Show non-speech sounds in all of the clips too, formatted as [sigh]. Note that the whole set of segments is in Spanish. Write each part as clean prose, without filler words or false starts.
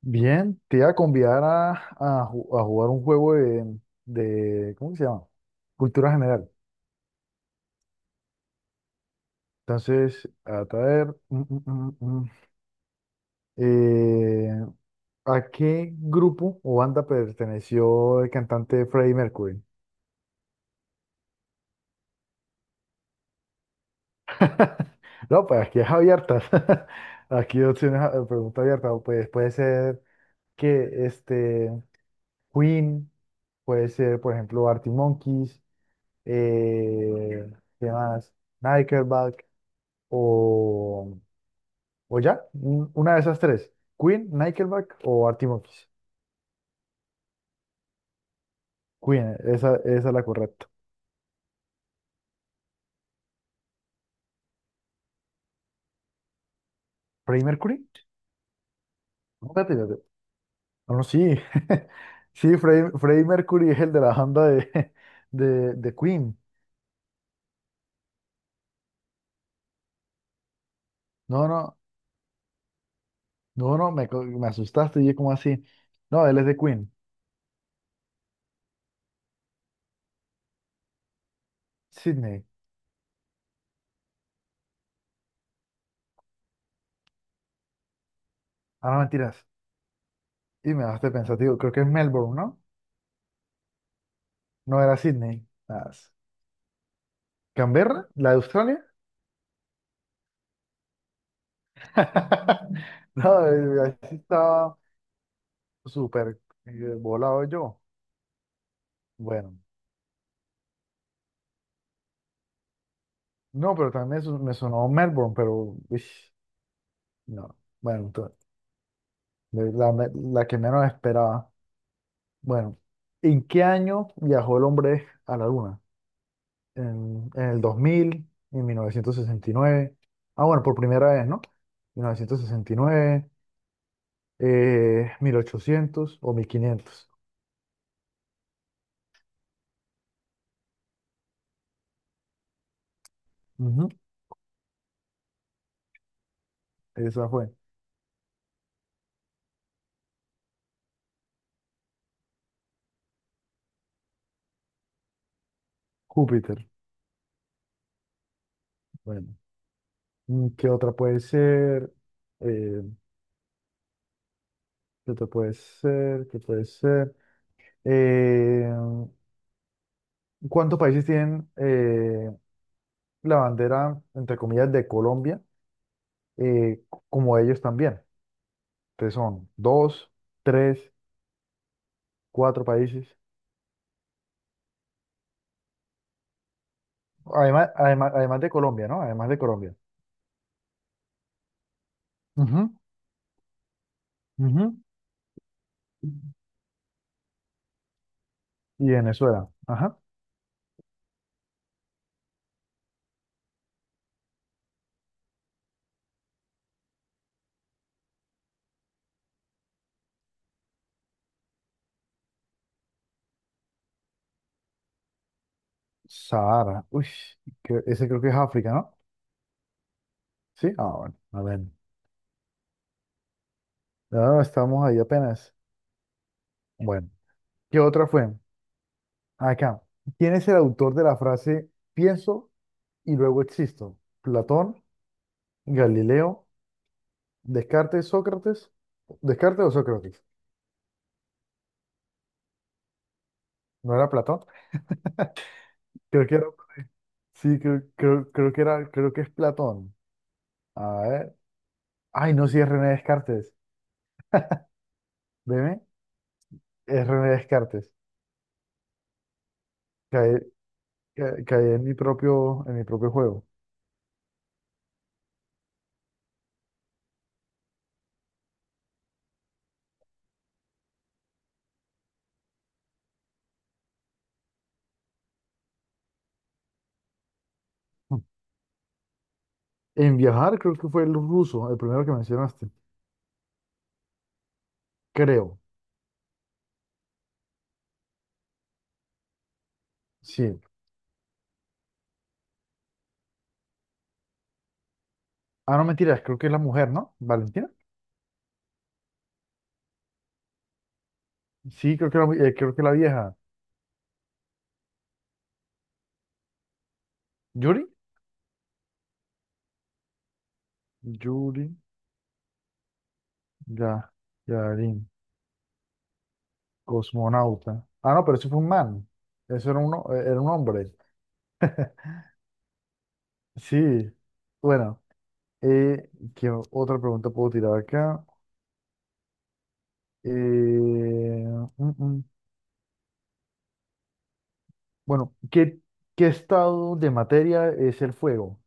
Bien, te iba a convidar a jugar un juego de, ¿cómo que se llama? Cultura general. Entonces, a traer, eh, ¿a qué grupo o banda perteneció el cantante Freddie Mercury? [laughs] No, pues aquí es abiertas. [laughs] Aquí opciones, pregunta abierta. Pues puede ser que este Queen, puede ser, por ejemplo, Arctic Monkeys, eh, ¿qué más? Nickelback. o, o ya, una de esas tres, Queen, Nickelback o Arctic Monkeys. Queen, esa es la correcta. ¿Freddie Mercury? No, espérate, espérate. No, no, sí, [laughs] sí, Freddie Mercury es el de la banda de, [laughs] de Queen. No, no, no, no, me asustaste y yo como así. No, él es de Queen, Sydney. Ah, no, mentiras. Y me dejaste pensativo, creo que es Melbourne, ¿no? No era Sydney. Ah. ¿Canberra? ¿La de Australia? [laughs] No, así estaba. Súper volado yo. Bueno, no, pero también me sonó Melbourne, pero ish, no. Bueno, entonces, la que menos esperaba. Bueno, ¿en qué año viajó el hombre a la Luna? En 1969. Ah, bueno, por primera vez, ¿no? 1969, 1800 o 1500. Ujú, esa fue. Júpiter. Bueno, ¿qué otra puede ser? Eh, ¿Qué otro puede ser? ¿Qué puede ser? Eh, ¿Cuántos países tienen la bandera, entre comillas, de Colombia, eh, como ellos también? Entonces son dos, tres, cuatro países. Además, además, además de Colombia, ¿no? Además de Colombia. Ujú, ujú. Y Venezuela. Ajá. Sahara. Uy, ese creo que es África, ¿no? Sí. Ah, bueno. A ver. Ah, estamos ahí apenas. Bueno. ¿Qué otra fue? Acá, ¿quién es el autor de la frase pienso y luego existo? ¿Platón, Galileo, Descartes, Sócrates? ¿Descartes o Sócrates? ¿No era Platón? Creo que era, sí, creo que era, creo que es Platón. A ver. Ay, no, sí es René Descartes. Veme, es René Descartes. Caí, caí en mi propio juego. Hmm. En viajar, creo que fue el ruso, el primero que mencionaste. Creo, sí. Ah, no, mentiras, creo que es la mujer, ¿no? Valentina. Sí, creo que la vieja. ¿Yuri? Yuri, ya, Yarin, cosmonauta. Ah, no, pero eso fue un man. Eso era un hombre. Sí. Bueno, ¿qué otra pregunta puedo tirar acá? Eh, mm, mm. Bueno, ¿qué estado de materia es el fuego?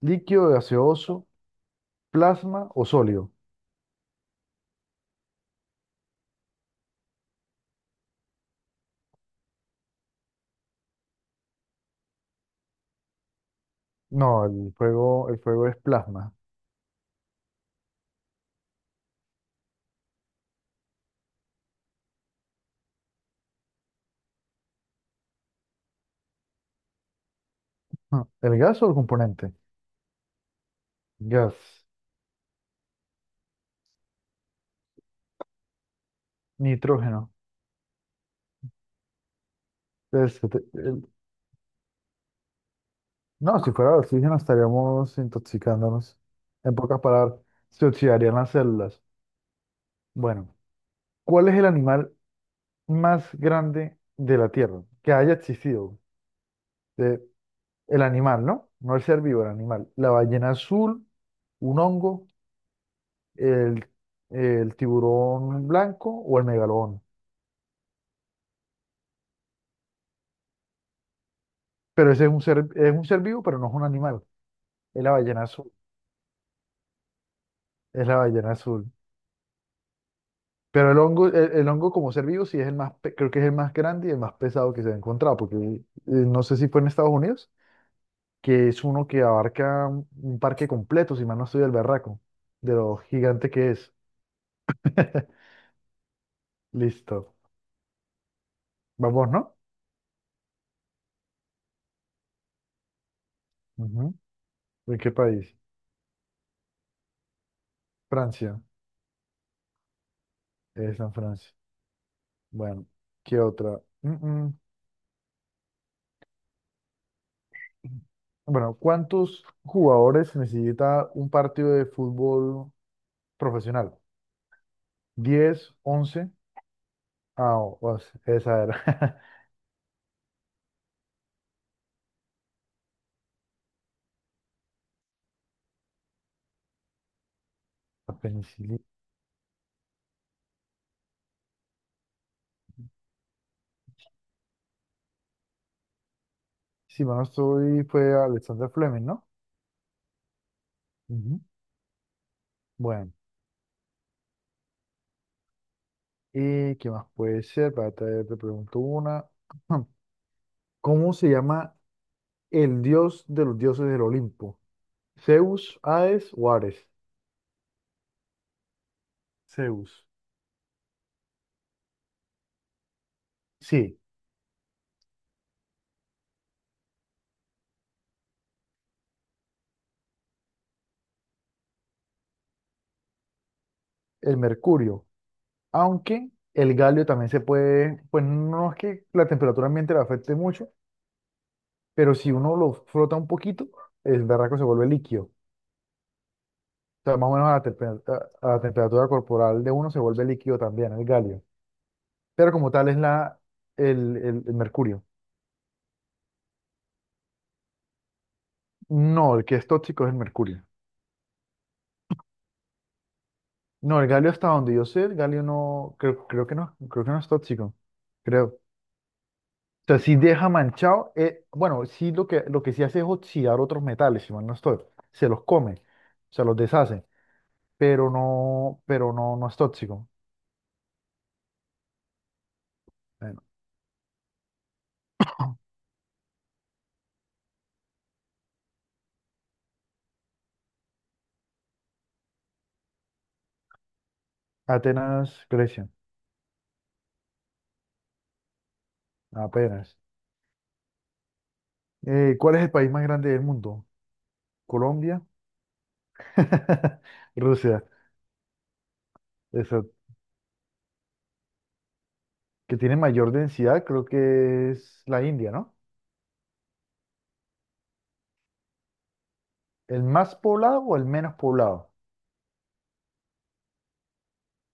¿Líquido, gaseoso, plasma o sólido? No, el fuego es plasma. [laughs] Ah, ¿el gas o el componente? Gas, nitrógeno. Pues, no, si fuera oxígeno estaríamos intoxicándonos. En pocas palabras, se oxidarían las células. Bueno, ¿cuál es el animal más grande de la Tierra que haya existido? De- el animal, ¿no? No el ser vivo, el animal. La ballena azul, un hongo, el, el tiburón blanco o el megalodón. Pero ese es un ser vivo, pero no es un animal. Es la ballena azul. Es la ballena azul. Pero el hongo como ser vivo sí es el más, creo que es el más grande y el más pesado que se ha encontrado, porque no sé si fue en Estados Unidos, que es uno que abarca un parque completo, si mal no estoy del berraco, de lo gigante que es. [laughs] Listo. Vamos, ¿no? Ujú. ¿De qué país? Francia. Es en Francia. Bueno, ¿qué otra? Mm. Bueno, ¿cuántos jugadores necesita un partido de fútbol profesional? 10, 11. Ah, esa era. La penicilina. Si mal no estoy, fue Alexander Fleming, ¿no? Ujú. Bueno, ¿y qué más puede ser? Para te pregunto una. [clears throat] ¿Cómo se llama el dios de los dioses del Olimpo? ¿Zeus, Hades o Ares? Zeus. Sí, el mercurio. Aunque el galio también se puede, pues no es que la temperatura ambiente le afecte mucho, pero si uno lo frota un poquito, el berraco se vuelve líquido. Sea, más o menos a la temperatura corporal de uno se vuelve líquido también el galio. Pero como tal es el mercurio. No, el que es tóxico es el mercurio. No, el galio hasta donde yo sé, el galio no, creo que no, creo que no es tóxico. Creo. O sea, sí deja manchado, bueno, sí lo que, sí hace es oxidar otros metales, si mal no estoy. Se los come, se los deshace, pero no, no es tóxico. Bueno, Atenas, Grecia, apenas. ¿Cuál es el país más grande del mundo? Colombia, [laughs] Rusia, eso, que tiene mayor densidad, creo que es la India, ¿no? ¿El más poblado o el menos poblado?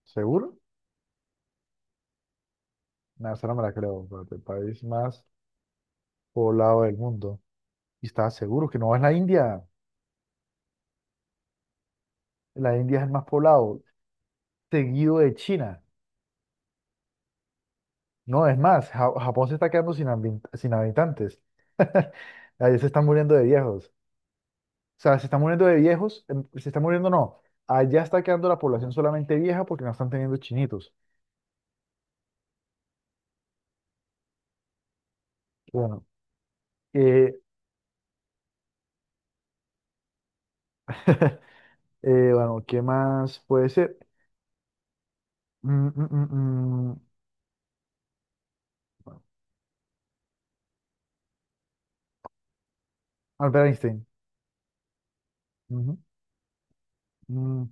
¿Seguro? No, esa no me la creo, pero el país más poblado del mundo. Y estaba seguro que no es la India es el más poblado, seguido de China. No, es más, Japón se está quedando sin habitantes. [laughs] Ahí se están muriendo de viejos. O sea, se están muriendo de viejos, se están muriendo, no. Allá está quedando la población solamente vieja porque no están teniendo chinitos. Bueno, eh, [laughs] bueno, ¿qué más puede ser? Mm, mm, mm, mm, Albert Einstein. Ujú. Mm,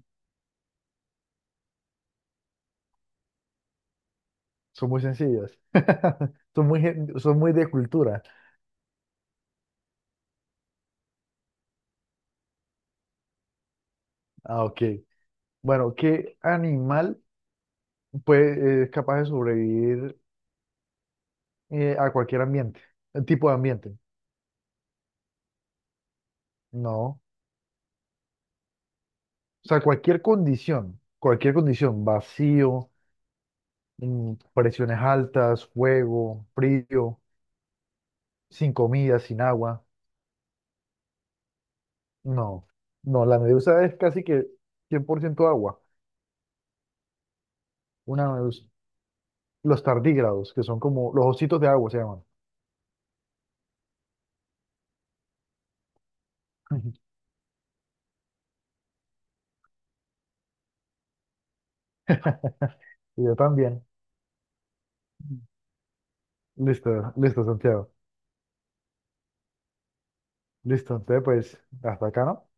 son muy sencillas. [laughs] Son muy de cultura. Ah, ok. Bueno, ¿qué animal es capaz de sobrevivir a cualquier ambiente? Tipo de ambiente. No. O sea, cualquier condición. Cualquier condición. Vacío, presiones altas, fuego, frío, sin comida, sin agua. No, no, la medusa es casi que 100% agua. Una medusa. Los tardígrados, que son como los ositos de agua se llaman. [laughs] Y yo también. Listo, listo, Santiago. Listo, entonces pues hasta acá, ¿no?